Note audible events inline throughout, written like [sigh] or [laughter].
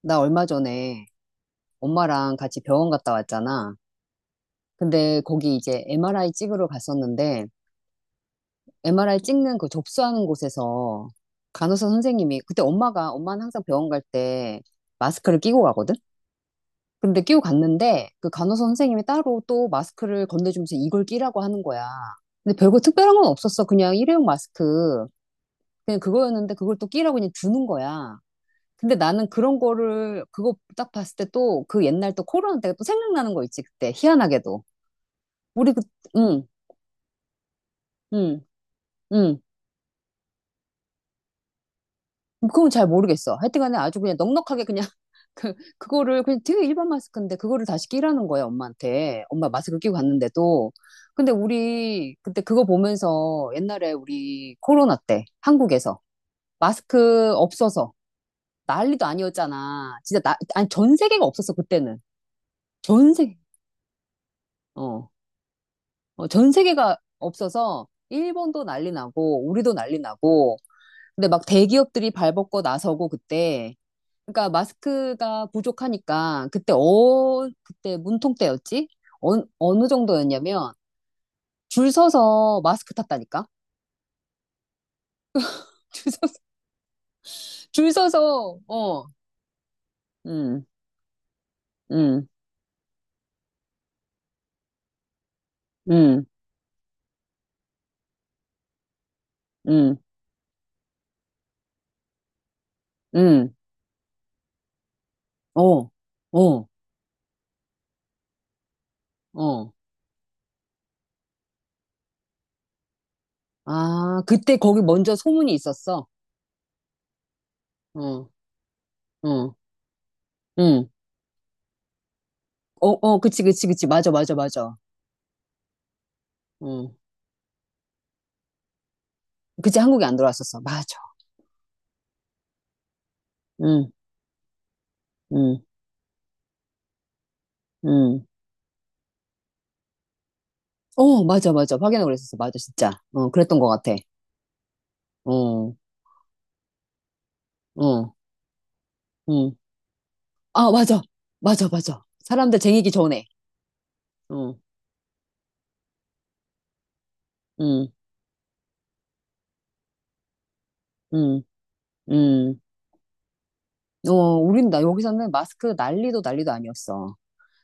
나 얼마 전에 엄마랑 같이 병원 갔다 왔잖아. 근데 거기 이제 MRI 찍으러 갔었는데, MRI 찍는 그 접수하는 곳에서 간호사 선생님이, 그때 엄마가, 엄마는 항상 병원 갈 때 마스크를 끼고 가거든? 근데 끼고 갔는데, 그 간호사 선생님이 따로 또 마스크를 건네주면서 이걸 끼라고 하는 거야. 근데 별거 특별한 건 없었어. 그냥 일회용 마스크. 그냥 그거였는데 그걸 또 끼라고 그냥 주는 거야. 근데 나는 그런 거를 그거 딱 봤을 때 또 그 옛날 또 코로나 때가 또 생각나는 거 있지. 그때 희한하게도 우리 그, 응, 응, 응. 뭐 그건 잘 모르겠어. 하여튼간에 아주 그냥 넉넉하게 그냥 [laughs] 그거를 그냥 되게 일반 마스크인데 그거를 다시 끼라는 거야 엄마한테. 엄마 마스크 끼고 갔는데도. 근데 우리 그때 그거 보면서 옛날에 우리 코로나 때 한국에서 마스크 없어서 난리도 아니었잖아. 진짜 나, 아니, 전 세계가 없었어 그때는. 전 세계. 어. 어, 전 세계가 없어서 일본도 난리 나고 우리도 난리 나고, 근데 막 대기업들이 발벗고 나서고 그때, 그러니까 마스크가 부족하니까 그때, 그때 문통 때였지? 어, 어느 정도였냐면 줄 서서 마스크 탔다니까. [laughs] 줄 서서, 줄 서서 어. 음. 음. 음. 음. 음. 어. 어. 어. 아, 그때 거기 먼저 소문이 있었어. 어. 어. 응. 어, 어, 그치, 그치, 그치. 맞아, 맞아, 맞아. 응. 그치, 한국에 안 들어왔었어. 맞아. 응, 응, 응. 어, 맞아, 맞아. 확인하고 그랬었어. 맞아, 진짜. 어, 그랬던 것 같아. 어, 어, 응. 아, 맞아. 맞아, 맞아. 사람들 쟁이기 전에. 응, 응, 응, 응. 어, 우린 나, 여기서는 마스크 난리도 난리도 아니었어.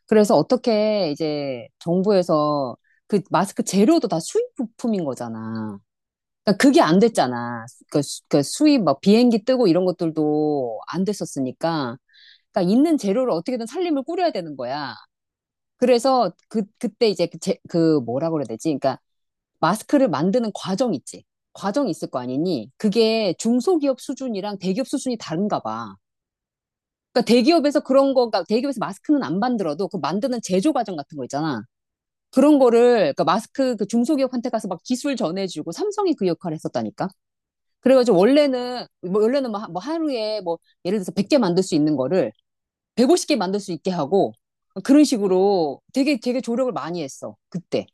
그래서 어떻게 이제 정부에서, 그 마스크 재료도 다 수입 부품인 거잖아. 그러니까 그게 안 됐잖아. 그, 그 수입 막 비행기 뜨고 이런 것들도 안 됐었으니까. 그러니까 있는 재료를 어떻게든 살림을 꾸려야 되는 거야. 그래서 그, 그때 이제 그, 그 뭐라 그래야 되지? 그러니까 마스크를 만드는 과정 있지. 과정이 있을 거 아니니? 그게 중소기업 수준이랑 대기업 수준이 다른가 봐. 그러니까 대기업에서 그런 거가, 대기업에서 마스크는 안 만들어도 그 만드는 제조 과정 같은 거 있잖아. 그런 거를, 그러니까 마스크 그 중소기업한테 가서 막 기술 전해주고 삼성이 그 역할을 했었다니까? 그래가지고 원래는 뭐, 원래는 뭐 뭐 하루에 뭐 예를 들어서 100개 만들 수 있는 거를 150개 만들 수 있게 하고, 그런 식으로 되게 되게 조력을 많이 했어. 그때.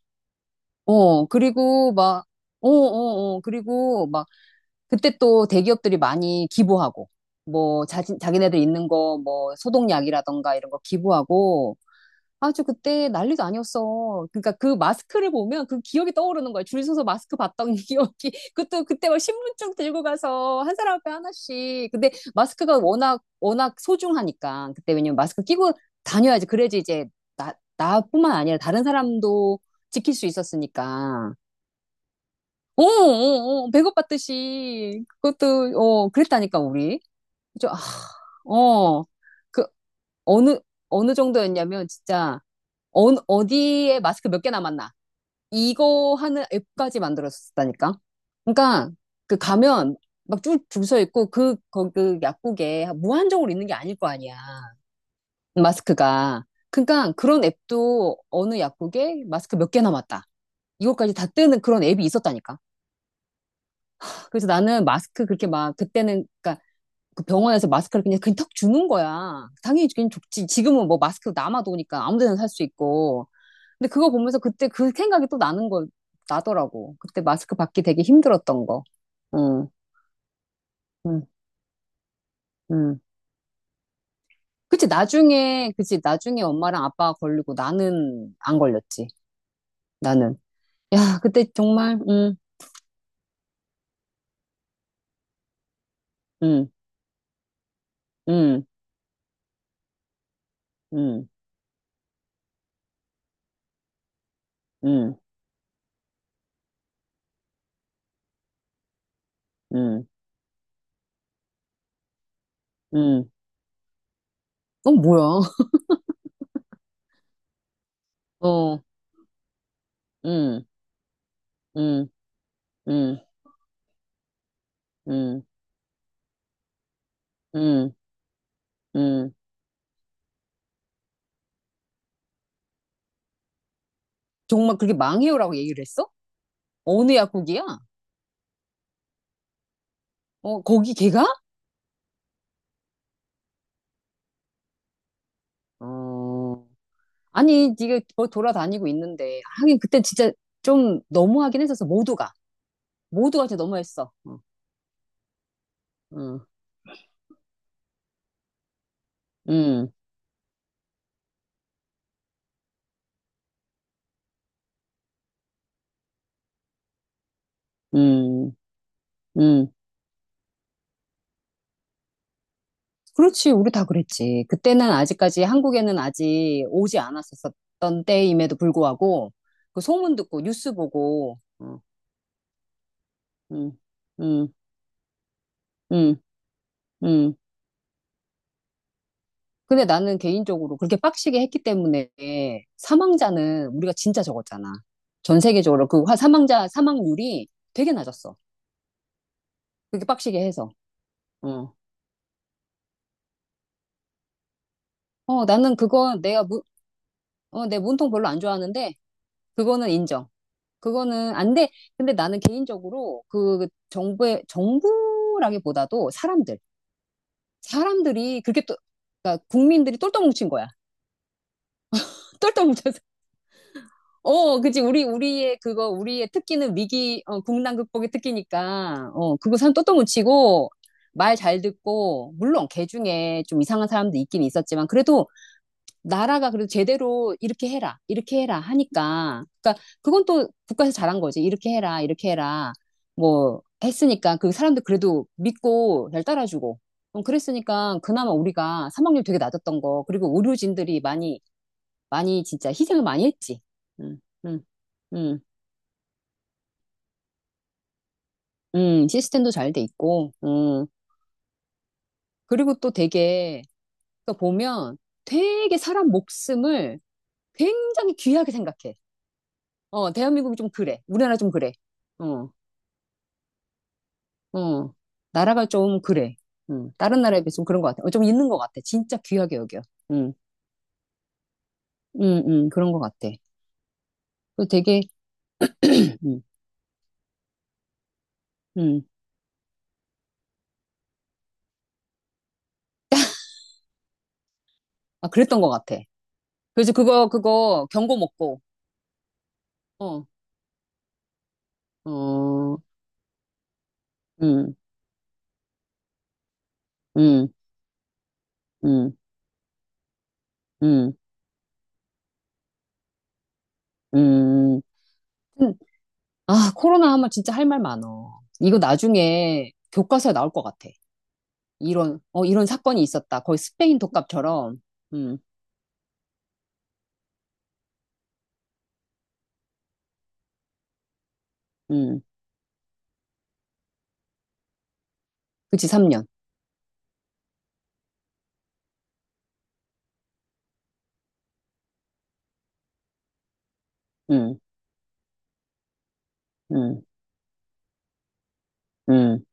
어, 그리고 막 어, 어, 어, 그리고 막 그때 또 대기업들이 많이 기부하고 뭐 자기네들 있는 거 뭐 소독약이라던가 이런 거 기부하고, 아주 그때 난리도 아니었어. 그러니까 그 마스크를 보면 그 기억이 떠오르는 거야. 줄 서서 마스크 봤던 [laughs] 기억이. 그것도 그때 막 신분증 들고 가서 한 사람 앞에 하나씩. 근데 마스크가 워낙, 워낙 소중하니까. 그때 왜냐면 마스크 끼고 다녀야지. 그래야지 이제 나뿐만 아니라 다른 사람도 지킬 수 있었으니까. 어, 어, 어, 어, 배고팠듯이. 그것도, 어, 그랬다니까, 우리. 그죠? 아, 어. 그, 어느, 어느 정도였냐면, 진짜. 어, 어디에 마스크 몇 개 남았나, 이거 하는 앱까지 만들었었다니까. 그러니까 그 가면 막 줄 서 있고, 그, 거, 그 약국에 무한정으로 있는 게 아닐 거 아니야. 마스크가. 그러니까 그런 앱도 어느 약국에 마스크 몇 개 남았다, 이거까지 다 뜨는 그런 앱이 있었다니까. 그래서 나는 마스크 그렇게 막, 그때는 그러니까 그 병원에서 마스크를 그냥 그냥 턱 주는 거야. 당연히 그냥 좋지. 지금은 뭐 마스크 남아도니까 아무 데나 살 수 있고. 근데 그거 보면서 그때 그 생각이 또 나는 거, 나더라고. 그때 마스크 받기 되게 힘들었던 거. 응, 응, 응. 그치, 나중에, 그치, 나중에 엄마랑 아빠가 걸리고 나는 안 걸렸지. 나는. 야, 그때 정말, 응, 응, 응, 응, 응, 응, 응. 어, 뭐야. [laughs] 어, 응, 응, 응, 응, 응, 응. 정말 그렇게 망해요라고 얘기를 했어? 어느 약국이야? 어, 거기 걔가? 어. 아니, 네가 돌아다니고 있는데. 하긴, 그때 진짜 좀 너무하긴 했었어. 모두가. 모두가 진짜 너무했어. 어, 응, 응, 응, 응. 그렇지, 우리 다 그랬지. 그때는 아직까지 한국에는 아직 오지 않았었던 때임에도 불구하고, 그 소문 듣고, 뉴스 보고, 응, 응, 응, 응, 응. 근데 나는 개인적으로 그렇게 빡시게 했기 때문에 사망자는 우리가 진짜 적었잖아. 전 세계적으로 그 사망자, 사망률이 되게 낮았어. 그렇게 빡시게 해서. 어. 어, 나는 그거 내가 무, 어, 내 문통 별로 안 좋아하는데 그거는 인정. 그거는 안 돼. 근데 나는 개인적으로 그 정부의, 정부라기보다도 사람들이 그렇게 또, 그러니까 국민들이 똘똘 뭉친 거야. [laughs] 똘똘 뭉쳐서. 어, 그치. 우리, 우리의 특기는 위기, 어, 국난 극복의 특기니까. 어, 그거 사람 똘똘 뭉치고 말 잘 듣고, 물론 개 중에 좀 이상한 사람도 있긴 있었지만 그래도 나라가 그래도 제대로 이렇게 해라, 이렇게 해라 하니까. 그러니까 그건 또 국가에서 잘한 거지. 이렇게 해라, 이렇게 해라 뭐 했으니까 그 사람들 그래도 믿고 잘 따라주고. 그랬으니까 그나마 우리가 사망률 되게 낮았던 거. 그리고 의료진들이 많이, 많이 진짜 희생을 많이 했지. 음, 음, 음, 시스템도 잘 돼 있고. 음. 그리고 또 되게, 그러니까 보면 되게 사람 목숨을 굉장히 귀하게 생각해. 어, 대한민국이 좀 그래. 우리나라 좀 그래. 어, 어. 나라가 좀 그래. 다른 나라에 비해서 좀 그런 것 같아. 어, 좀 있는 것 같아. 진짜 귀하게 여겨. 음, 그런 것 같아. 그 되게, 음, 음. 아, 그랬던 것 같아. 그래서 그거 경고 먹고, 어, 어, 음, 음, 음, 음, 음. 음. 아, 코로나 하면 진짜 할 말 많어. 이거 나중에 교과서에 나올 것 같아. 이런, 어, 이런 사건이 있었다. 거의 스페인 독감처럼. 음, 음. 그치, 3년. 응, 응, 응.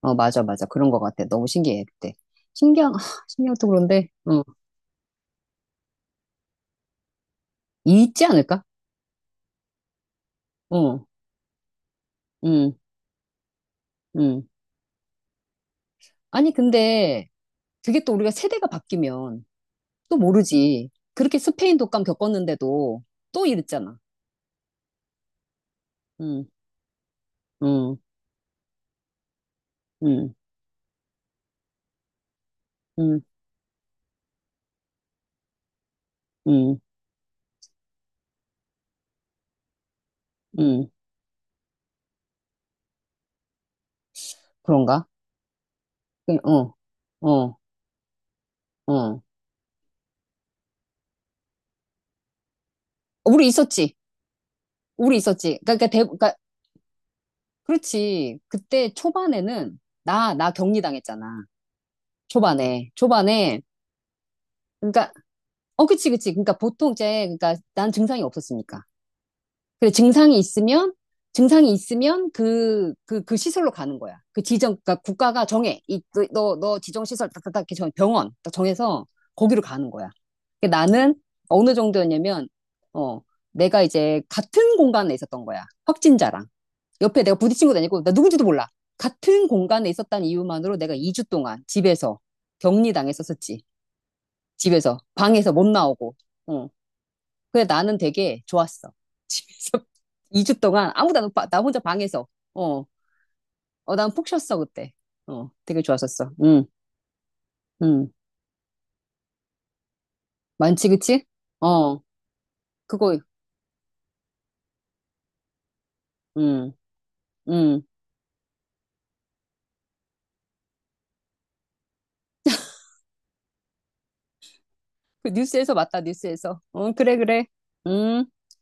어, 맞아, 맞아. 그런 것 같아. 너무 신기해, 그때. 신기한, 아, 신기하도 그런데, 어, 있지 않을까? 어, 응, 응. 아니, 근데, 그게 또 우리가 세대가 바뀌면 또 모르지. 그렇게 스페인 독감 겪었는데도 또 이랬잖아. 응, 응, 응, 응, 응, 응. 그런가? 그, 어, 어, 어. 우리 있었지. 우리 있었지. 그러니까, 대, 그러니까, 그렇지. 그때 초반에는 나 격리당했잖아. 초반에, 초반에, 그러니까, 어, 그치, 그치. 그러니까 보통 이제, 그러니까 난 증상이 없었으니까. 그래, 증상이 있으면, 증상이 있으면 그, 그, 그 시설로 가는 거야. 그 지정, 그러니까 국가가 정해. 이, 그, 너, 너 지정시설 딱딱딱 이렇게 병원 딱 정해서 거기로 가는 거야. 근데 나는 어느 정도였냐면, 어, 내가 이제 같은 공간에 있었던 거야. 확진자랑. 옆에 내가 부딪힌 것도 아니고, 나 누군지도 몰라. 같은 공간에 있었다는 이유만으로 내가 2주 동안 집에서 격리당했었었지. 집에서. 방에서 못 나오고. 어. 그래, 나는 되게 좋았어. [laughs] 집에서 2주 동안 아무도 안, 오고 나 혼자 방에서. 어, 어, 난 푹 쉬었어, 그때. 어, 되게 좋았었어. 응, 응. 많지, 그치? 어, 그거, 응, 응. 그 뉴스에서 맞다, 뉴스에서. 어, 그래, 그래. 음.